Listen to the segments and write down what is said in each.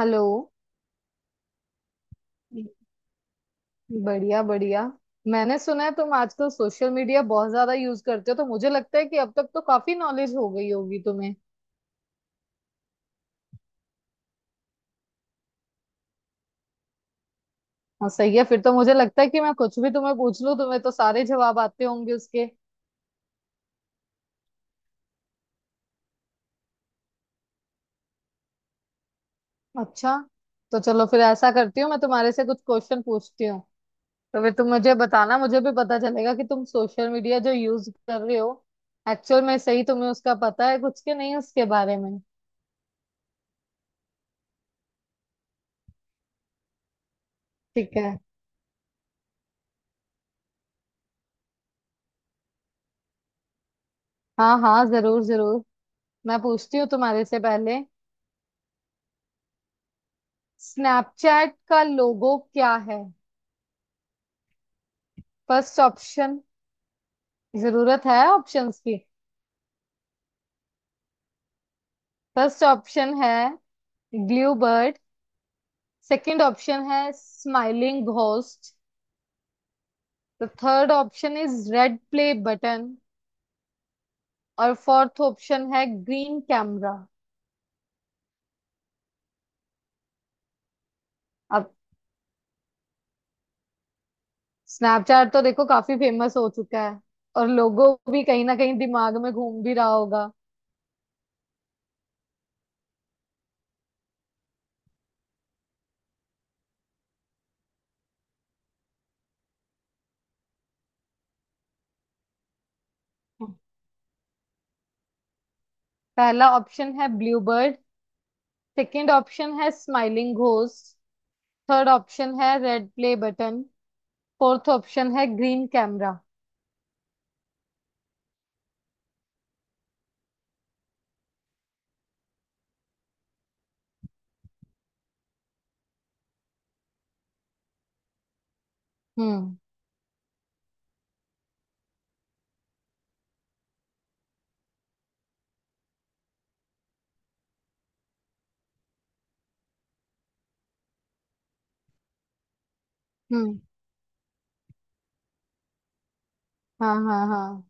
Hello. बढ़िया बढ़िया। मैंने सुना है तुम आजकल सोशल मीडिया बहुत ज्यादा यूज करते हो, तो मुझे लगता है कि अब तक तो काफी नॉलेज हो गई होगी तुम्हें। हाँ सही है, फिर तो मुझे लगता है कि मैं कुछ भी तुम्हें पूछ लूं तुम्हें तो सारे जवाब आते होंगे उसके। अच्छा। तो चलो फिर ऐसा करती हूँ, मैं तुम्हारे से कुछ क्वेश्चन पूछती हूँ। तो फिर तुम मुझे बताना, मुझे भी पता चलेगा कि तुम सोशल मीडिया जो यूज कर रहे हो एक्चुअल में सही तुम्हें उसका पता है कुछ के नहीं उसके बारे में। ठीक है। हाँ हाँ जरूर जरूर। मैं पूछती हूँ तुम्हारे से पहले। स्नैपचैट का लोगो क्या है? First option. जरूरत है ऑप्शंस की। फर्स्ट ऑप्शन है ग्लू बर्ड। सेकंड ऑप्शन है smiling ghost. The third option is red play button. और फोर्थ ऑप्शन है ग्रीन कैमरा। अब स्नैपचैट तो देखो काफी फेमस हो चुका है, और लोगो भी कहीं ना कहीं दिमाग में घूम भी रहा होगा। पहला ऑप्शन है ब्लू बर्ड। सेकेंड ऑप्शन है स्माइलिंग घोस्ट। थर्ड ऑप्शन है red play button. Fourth option है ग्रीन कैमरा। हम्म हम्म। हाँ हाँ हाँ।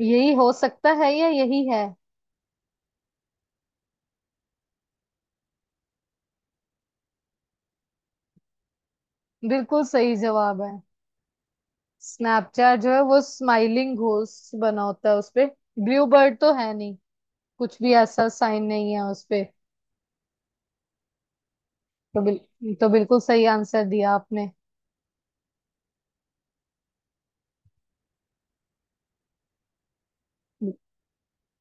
यही हो सकता है या यही है? बिल्कुल सही जवाब है। स्नैपचैट जो है वो स्माइलिंग घोस्ट बना होता है उसपे। ब्लू बर्ड तो है नहीं। कुछ भी ऐसा साइन नहीं है उसपे। तो बिल्कुल सही आंसर दिया आपने।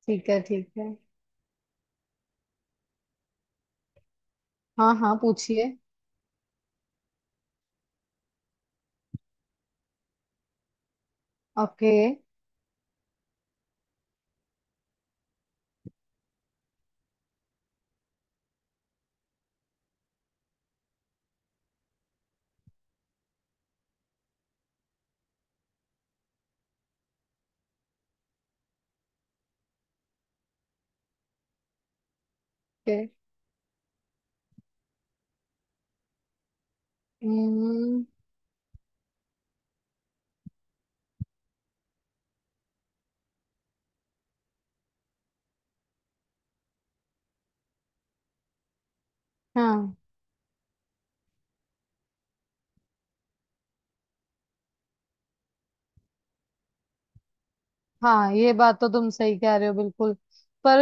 ठीक है ठीक है। हाँ हाँ पूछिए। ओके। ओके। हम्म। हाँ हाँ ये बात तो तुम सही कह रहे हो बिल्कुल। पर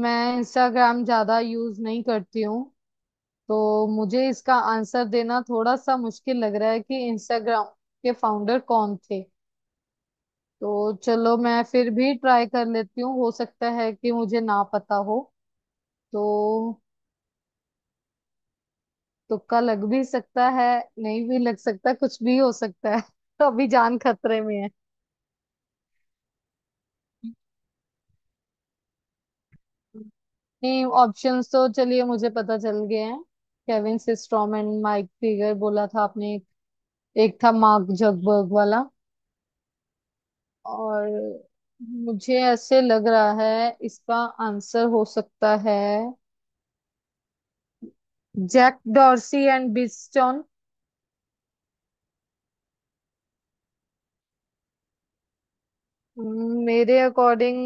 मैं इंस्टाग्राम ज्यादा यूज नहीं करती हूँ, तो मुझे इसका आंसर देना थोड़ा सा मुश्किल लग रहा है कि इंस्टाग्राम के फाउंडर कौन थे। तो चलो मैं फिर भी ट्राई कर लेती हूँ, हो सकता है कि मुझे ना पता हो। तो तुक्का लग भी सकता है, नहीं भी लग सकता, कुछ भी हो सकता है। तो अभी जान खतरे में है। नहीं, ऑप्शंस तो चलिए मुझे पता चल गए हैं। केविन सिस्ट्रॉम एंड माइक फिगर बोला था आपने। एक था मार्क जगबर्ग वाला। और मुझे ऐसे लग रहा है इसका आंसर हो सकता है जैक डॉर्सी एंड बिस्टन। मेरे अकॉर्डिंग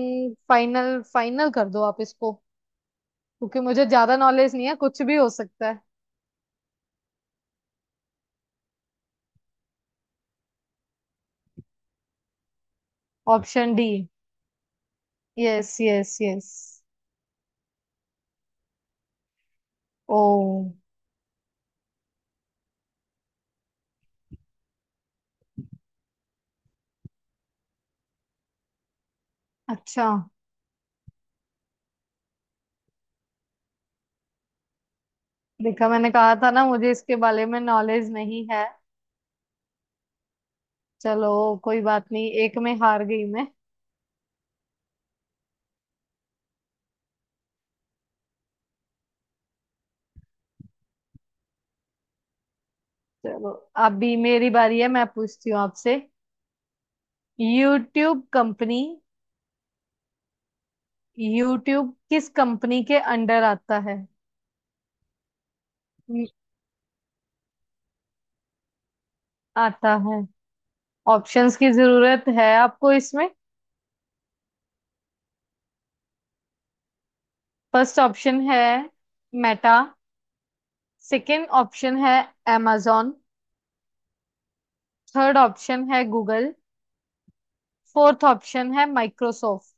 फाइनल, फाइनल कर दो आप इसको, क्योंकि मुझे ज्यादा नॉलेज नहीं है, कुछ भी हो सकता है। Option D. Yes yes yes. ओ। अच्छा। देखा, मैंने कहा था ना मुझे इसके बारे में नॉलेज नहीं है। चलो, कोई बात नहीं, एक में हार गई मैं। चलो, अभी मेरी बारी है, मैं पूछती हूँ आपसे। YouTube company. यूट्यूब किस कंपनी के अंडर आता है? हम्म, आता है। ऑप्शंस की जरूरत है आपको इसमें? फर्स्ट ऑप्शन है मेटा। सेकंड ऑप्शन है amazon। थर्ड ऑप्शन है गूगल। फोर्थ ऑप्शन है माइक्रोसॉफ्ट।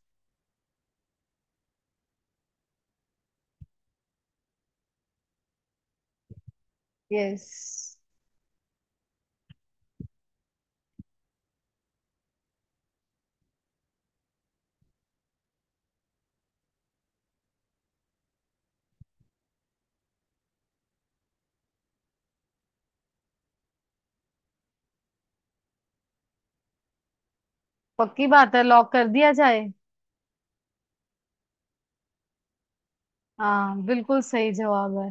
यस। पक्की बात है, लॉक कर दिया जाए। हाँ बिल्कुल सही जवाब है।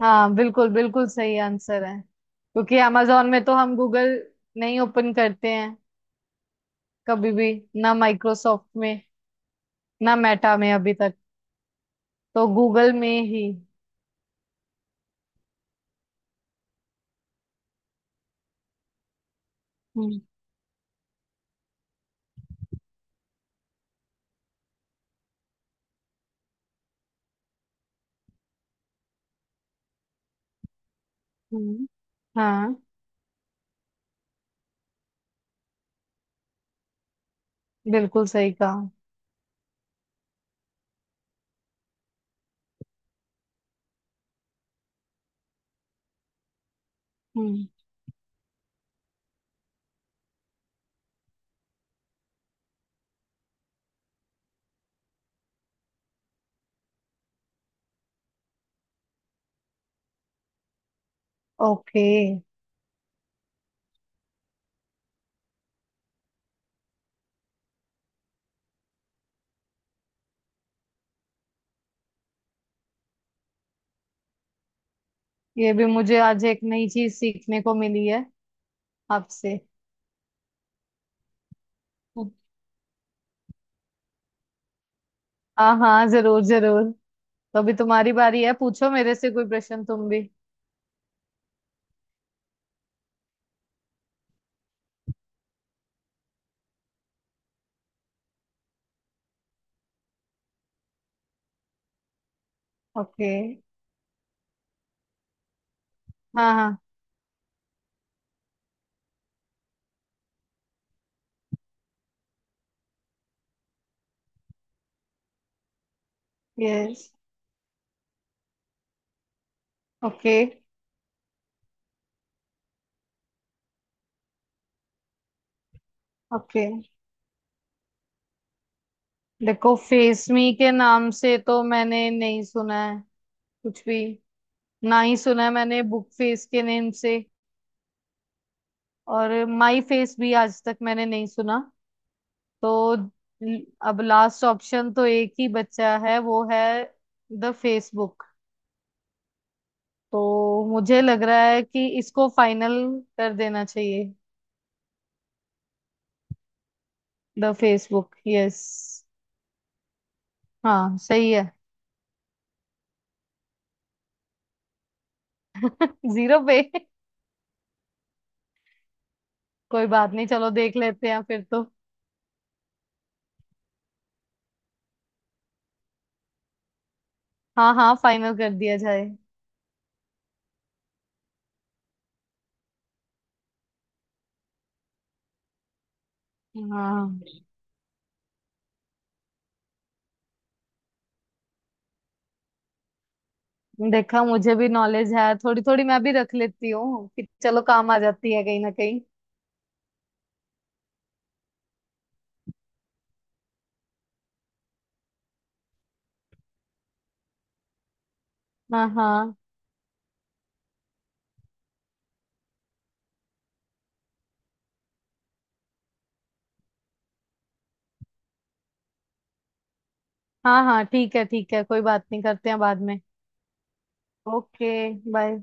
हाँ बिल्कुल बिल्कुल सही आंसर है, क्योंकि amazon में तो हम गूगल नहीं ओपन करते हैं कभी भी। ना माइक्रोसॉफ्ट में, ना मेटा में अभी तक। तो गूगल में ही। हम्म हम्म। हाँ बिल्कुल सही कहा। हम्म। ओके। ये भी मुझे आज एक नई चीज सीखने को मिली है आपसे। हम्म। हाँ हाँ जरूर जरूर। तो अभी तुम्हारी बारी है, पूछो मेरे से कोई प्रश्न तुम भी। ओके। हाँ हाँ। यस। ओके। ओके। देखो, फेस मी के नाम से तो मैंने नहीं सुना है कुछ भी। ना ही सुना है मैंने बुक फेस के नेम से। और माई फेस भी आज तक मैंने नहीं सुना। तो ल- अब लास्ट ऑप्शन तो एक ही बचा है, वो है द फेसबुक। तो मुझे लग रहा है कि इसको फाइनल कर देना चाहिए। The Facebook, yes. हाँ सही है। जीरो पे। कोई बात नहीं, चलो देख लेते हैं फिर तो। हाँ हाँ फाइनल कर दिया जाए। हाँ, देखा, मुझे भी नॉलेज है थोड़ी थोड़ी, मैं भी रख लेती हूँ कि चलो काम आ जाती है कहीं ना कहीं। हाँ हाँ। हाँ हाँ ठीक है ठीक है, कोई बात नहीं, करते हैं बाद में। ओके। बाय।